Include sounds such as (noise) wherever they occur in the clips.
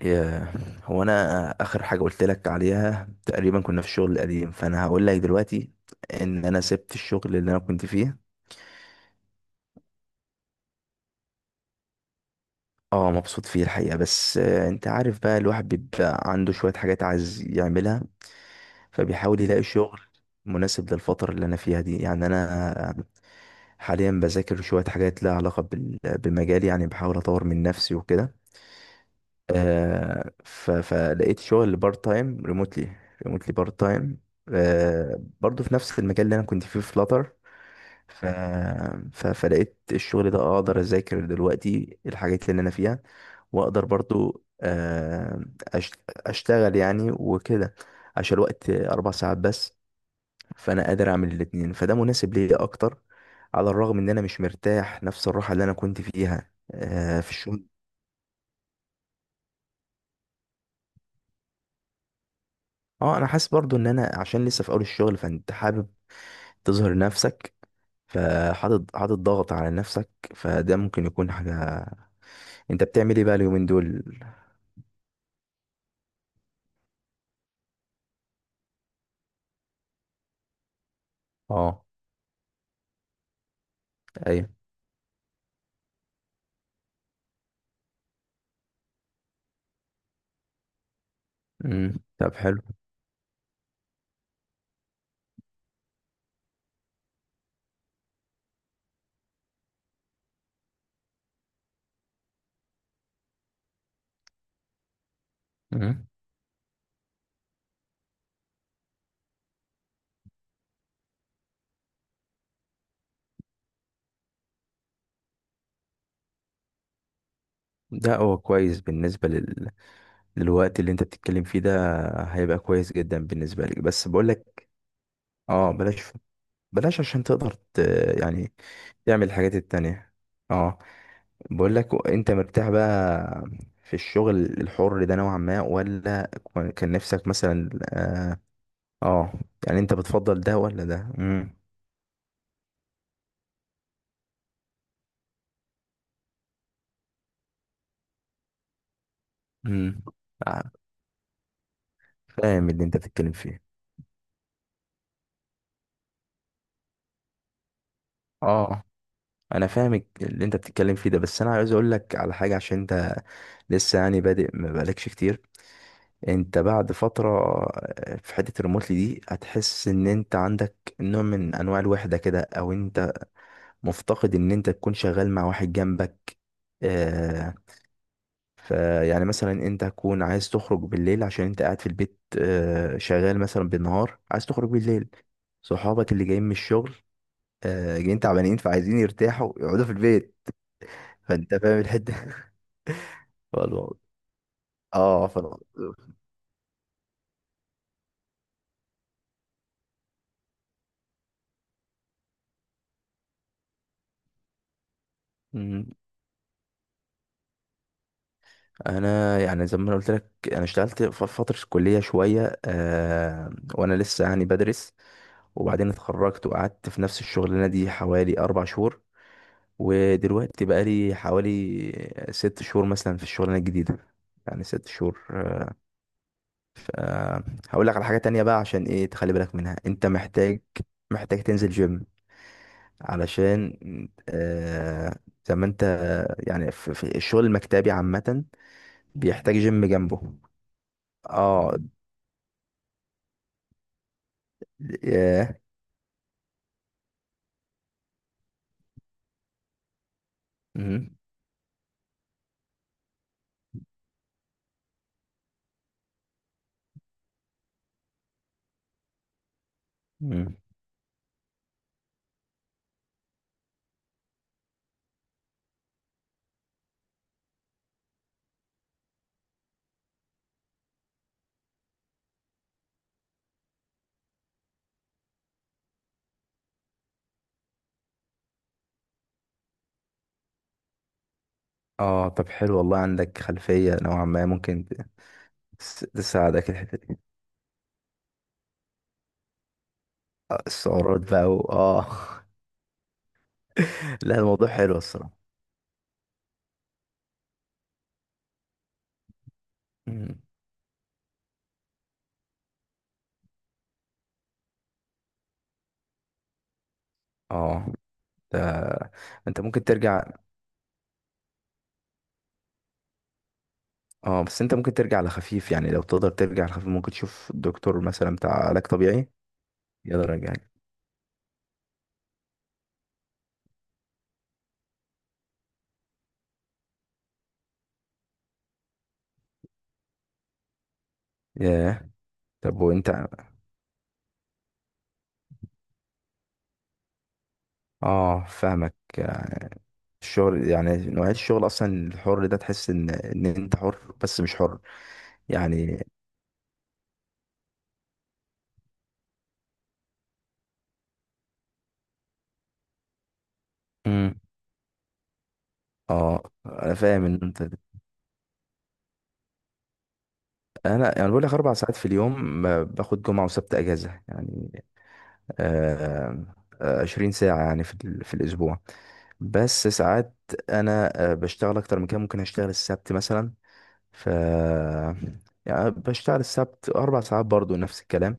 يا- هو انا اخر حاجه قلت لك عليها تقريبا، كنا في الشغل القديم، فانا هقول لك دلوقتي ان انا سبت الشغل اللي انا كنت فيه. اه مبسوط فيه الحقيقه، بس انت عارف بقى الواحد بيبقى عنده شويه حاجات عايز يعملها، فبيحاول يلاقي شغل مناسب للفتره اللي انا فيها دي. يعني انا حاليا بذاكر شويه حاجات لها علاقه بمجالي، يعني بحاول اطور من نفسي وكده. فلقيت شغل بارت تايم ريموتلي، ريموتلي بارت تايم. برضو في نفس المجال اللي انا كنت فيه في فلاتر. ف... فلقيت الشغل ده، اقدر اذاكر دلوقتي الحاجات اللي انا فيها، واقدر برضو أش- اشتغل يعني وكده، عشان الوقت اربع ساعات بس، فانا قادر اعمل الاتنين، فده مناسب ليا اكتر. على الرغم ان انا مش مرتاح نفس الراحة اللي انا كنت فيها في الشغل. اه انا حاسس برضو ان انا عشان لسه في اول الشغل، فانت حابب تظهر نفسك، فحاطط ضغط على نفسك، فده ممكن يكون حاجة. انت بتعمل ايه بقى اليومين دول؟ اه. ايوه. طب حلو. امم. ده هو كويس بالنسبة للوقت اللي انت بتتكلم فيه ده، هيبقى كويس جدا بالنسبة لك، بس بقول لك، اه، بلاش، بلاش عشان تقدر يعني تعمل الحاجات التانية. اه. بقول لك، انت مرتاح بقى في الشغل الحر ده نوعا ما، ولا كان نفسك مثلا آه، يعني انت بتفضل ده ولا ده؟ امم. امم. فاهم اللي انت بتتكلم فيه. اه، انا فاهم اللي انت بتتكلم فيه ده، بس انا عايز اقول لك على حاجه، عشان انت لسه يعني بادئ، ما بقالكش كتير. انت بعد فتره في حته الريموتلي دي هتحس ان انت عندك نوع من انواع الوحده كده، او انت مفتقد ان انت تكون شغال مع واحد جنبك. آه فيعني مثلا انت تكون عايز تخرج بالليل عشان انت قاعد في البيت، شغال مثلا بالنهار، عايز تخرج بالليل. صحابك اللي جايين من الشغل، جايين تعبانين، فعايزين يرتاحوا يقعدوا في البيت، فانت فاهم الحته. (laughs) والله. اه. مم. انا يعني زي ما انا قلت لك، انا اشتغلت في فتره الكليه شويه، وانا لسه يعني بدرس، وبعدين اتخرجت وقعدت في نفس الشغلانه دي حوالي اربع شهور، ودلوقتي بقالي حوالي ست شهور مثلا في الشغلانة الجديدة، يعني ست شهور. أه، هقول لك على حاجة تانية بقى، عشان ايه تخلي بالك منها، انت محتاج، محتاج تنزل جيم علشان، أه، زي ما انت يعني في, في الشغل المكتبي عامة بيحتاج جيم جنبه. اه. ياه. مهم. مهم. اه، طب حلو والله، عندك خلفية نوعا ما، ممكن تساعدك الحتة دي. السعرات بقى و... اه (laughs) لا، الموضوع حلو الصراحة. مم. اه. ده انت ممكن ترجع، اه، بس انت ممكن ترجع لخفيف يعني، لو تقدر ترجع لخفيف ممكن تشوف الدكتور مثلا بتاع علاج طبيعي، يقدر يرجعك. ياه. طب وانت، اه، فاهمك. الشغل يعني نوعية الشغل اصلا الحر ده، تحس ان انت حر بس مش حر يعني. مم. اه. انا فاهم ان انت، انا يعني بقول لك اربع ساعات في اليوم، ما باخد جمعة وسبت اجازة يعني. آه 20 ساعة يعني في في الاسبوع. بس ساعات انا بشتغل اكتر من كده، ممكن اشتغل السبت مثلا، ف يعني بشتغل السبت اربع ساعات برضو، نفس الكلام.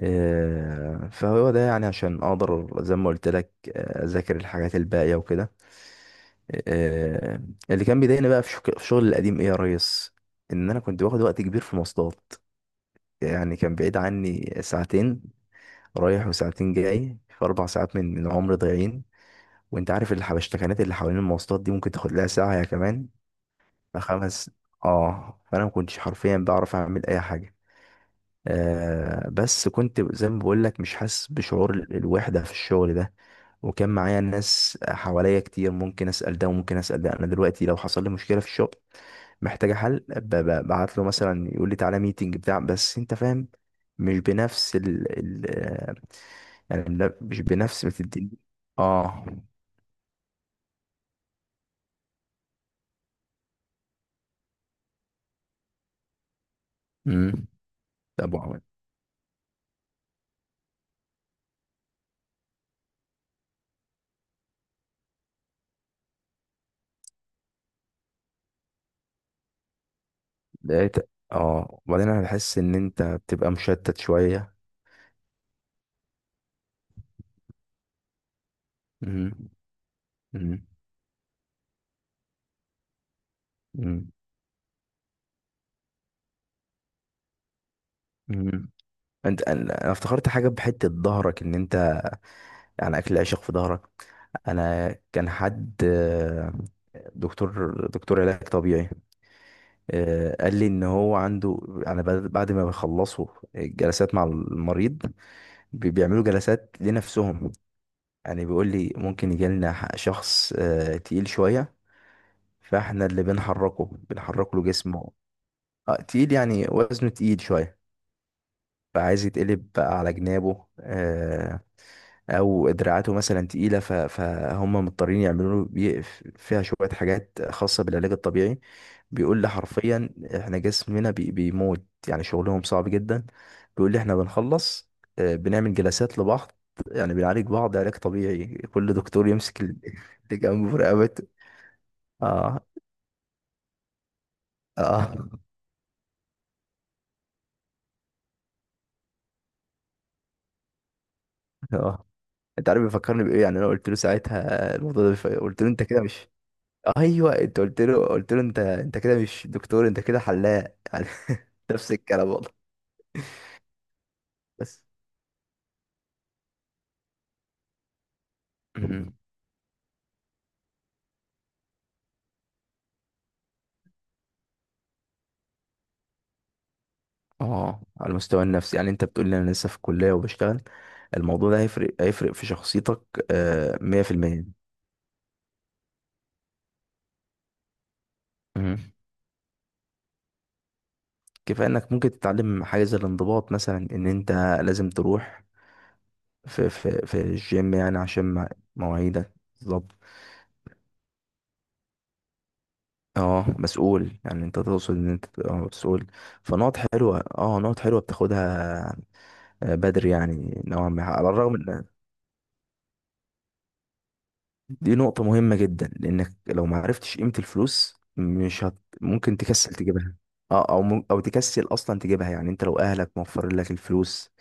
فهو ده يعني عشان اقدر، زي ما قلت لك، اذاكر الحاجات الباقيه وكده. آه، اللي كان بيضايقني بقى في شغل القديم ايه يا ريس؟ ان انا كنت باخد وقت كبير في مواصلات، يعني كان بعيد عني ساعتين رايح، وساعتين جاي، في اربع ساعات من عمري ضايعين. وانت عارف الحبشتكنات اللي حوالين المواصلات دي ممكن تاخد لها ساعة يا كمان خمس. اه، فانا ما كنتش حرفيا بعرف اعمل اي حاجه. بس كنت زي ما بقول لك، مش حاسس بشعور الوحده في الشغل ده. وكان معايا ناس حواليا كتير، ممكن اسال ده وممكن اسال ده. انا دلوقتي لو حصل لي مشكله في الشغل محتاجه حل، ببعت له مثلا، يقول لي تعالى ميتنج بتاع. بس انت فاهم، مش بنفس ال, ال آه، يعني مش بنفس بتدي. اه. امم طب لقيت، اه، وبعدين انا بحس ان انت بتبقى مشتت شويه. مم. مم. مم. مم. انت انا أنا افتكرت حاجه بحته ظهرك، ان انت يعني اكل العشق في ظهرك. انا كان حد دكتور علاج طبيعي قال لي ان هو عنده، انا بعد ما بيخلصوا الجلسات مع المريض، بيعملوا جلسات لنفسهم. يعني بيقول لي ممكن يجي لنا شخص تقيل شويه، فاحنا اللي بنحركه، بنحرك له جسمه. تقيل يعني وزنه تقيل شويه، فعايز يتقلب بقى على جنابه، او دراعاته مثلا تقيله، فهم مضطرين يعملوا له فيها شويه حاجات خاصه بالعلاج الطبيعي. بيقول لي حرفيا احنا جسمنا بيموت، يعني شغلهم صعب جدا. بيقول لي احنا بنخلص، بنعمل جلسات لبعض، يعني بنعالج بعض علاج طبيعي، كل دكتور يمسك (laughs) اللي جنبه في رقبته. اه. اه. اه. (laughs) انت عارف بيفكرني بايه؟ يعني انا قلت له ساعتها الموضوع ده، قلت له انت كده مش، ايوه، انت قلت له، قلت له انت، انت كده مش دكتور، انت كده حلاق يعني. (laughs) نفس الكلام والله. بس، مهم. اه، على المستوى النفسي يعني انت بتقول لي انا لسه في الكليه وبشتغل، الموضوع ده هيفرق هيفرق في شخصيتك. 100%. مهم. كفايه انك ممكن تتعلم حاجه زي الانضباط مثلا، ان انت لازم تروح في الجيم يعني عشان مواعيدك. بالظبط. اه، مسؤول يعني، انت تقصد ان انت تبقى مسؤول. فنقط حلوه، اه، نقط حلوه بتاخدها، بدري يعني نوعا ما، على الرغم ان، دي نقطة مهمة جدا، لانك لو ما عرفتش قيمة الفلوس مش ممكن تكسل تجيبها، اه، او او تكسل اصلا تجيبها. يعني انت لو اهلك موفرين لك الفلوس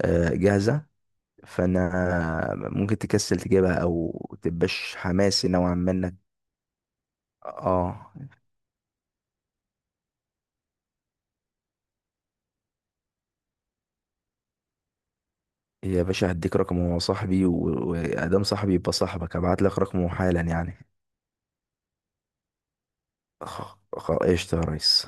جاهزة، فانا ممكن تكسل تجيبها، او تبقاش حماسي نوعا ما انك، اه، يا باشا هديك رقمه، هو صاحبي وادام صاحبي يبقى صاحبك، هبعت لك رقمه حالا يعني. قشطة يا ريس.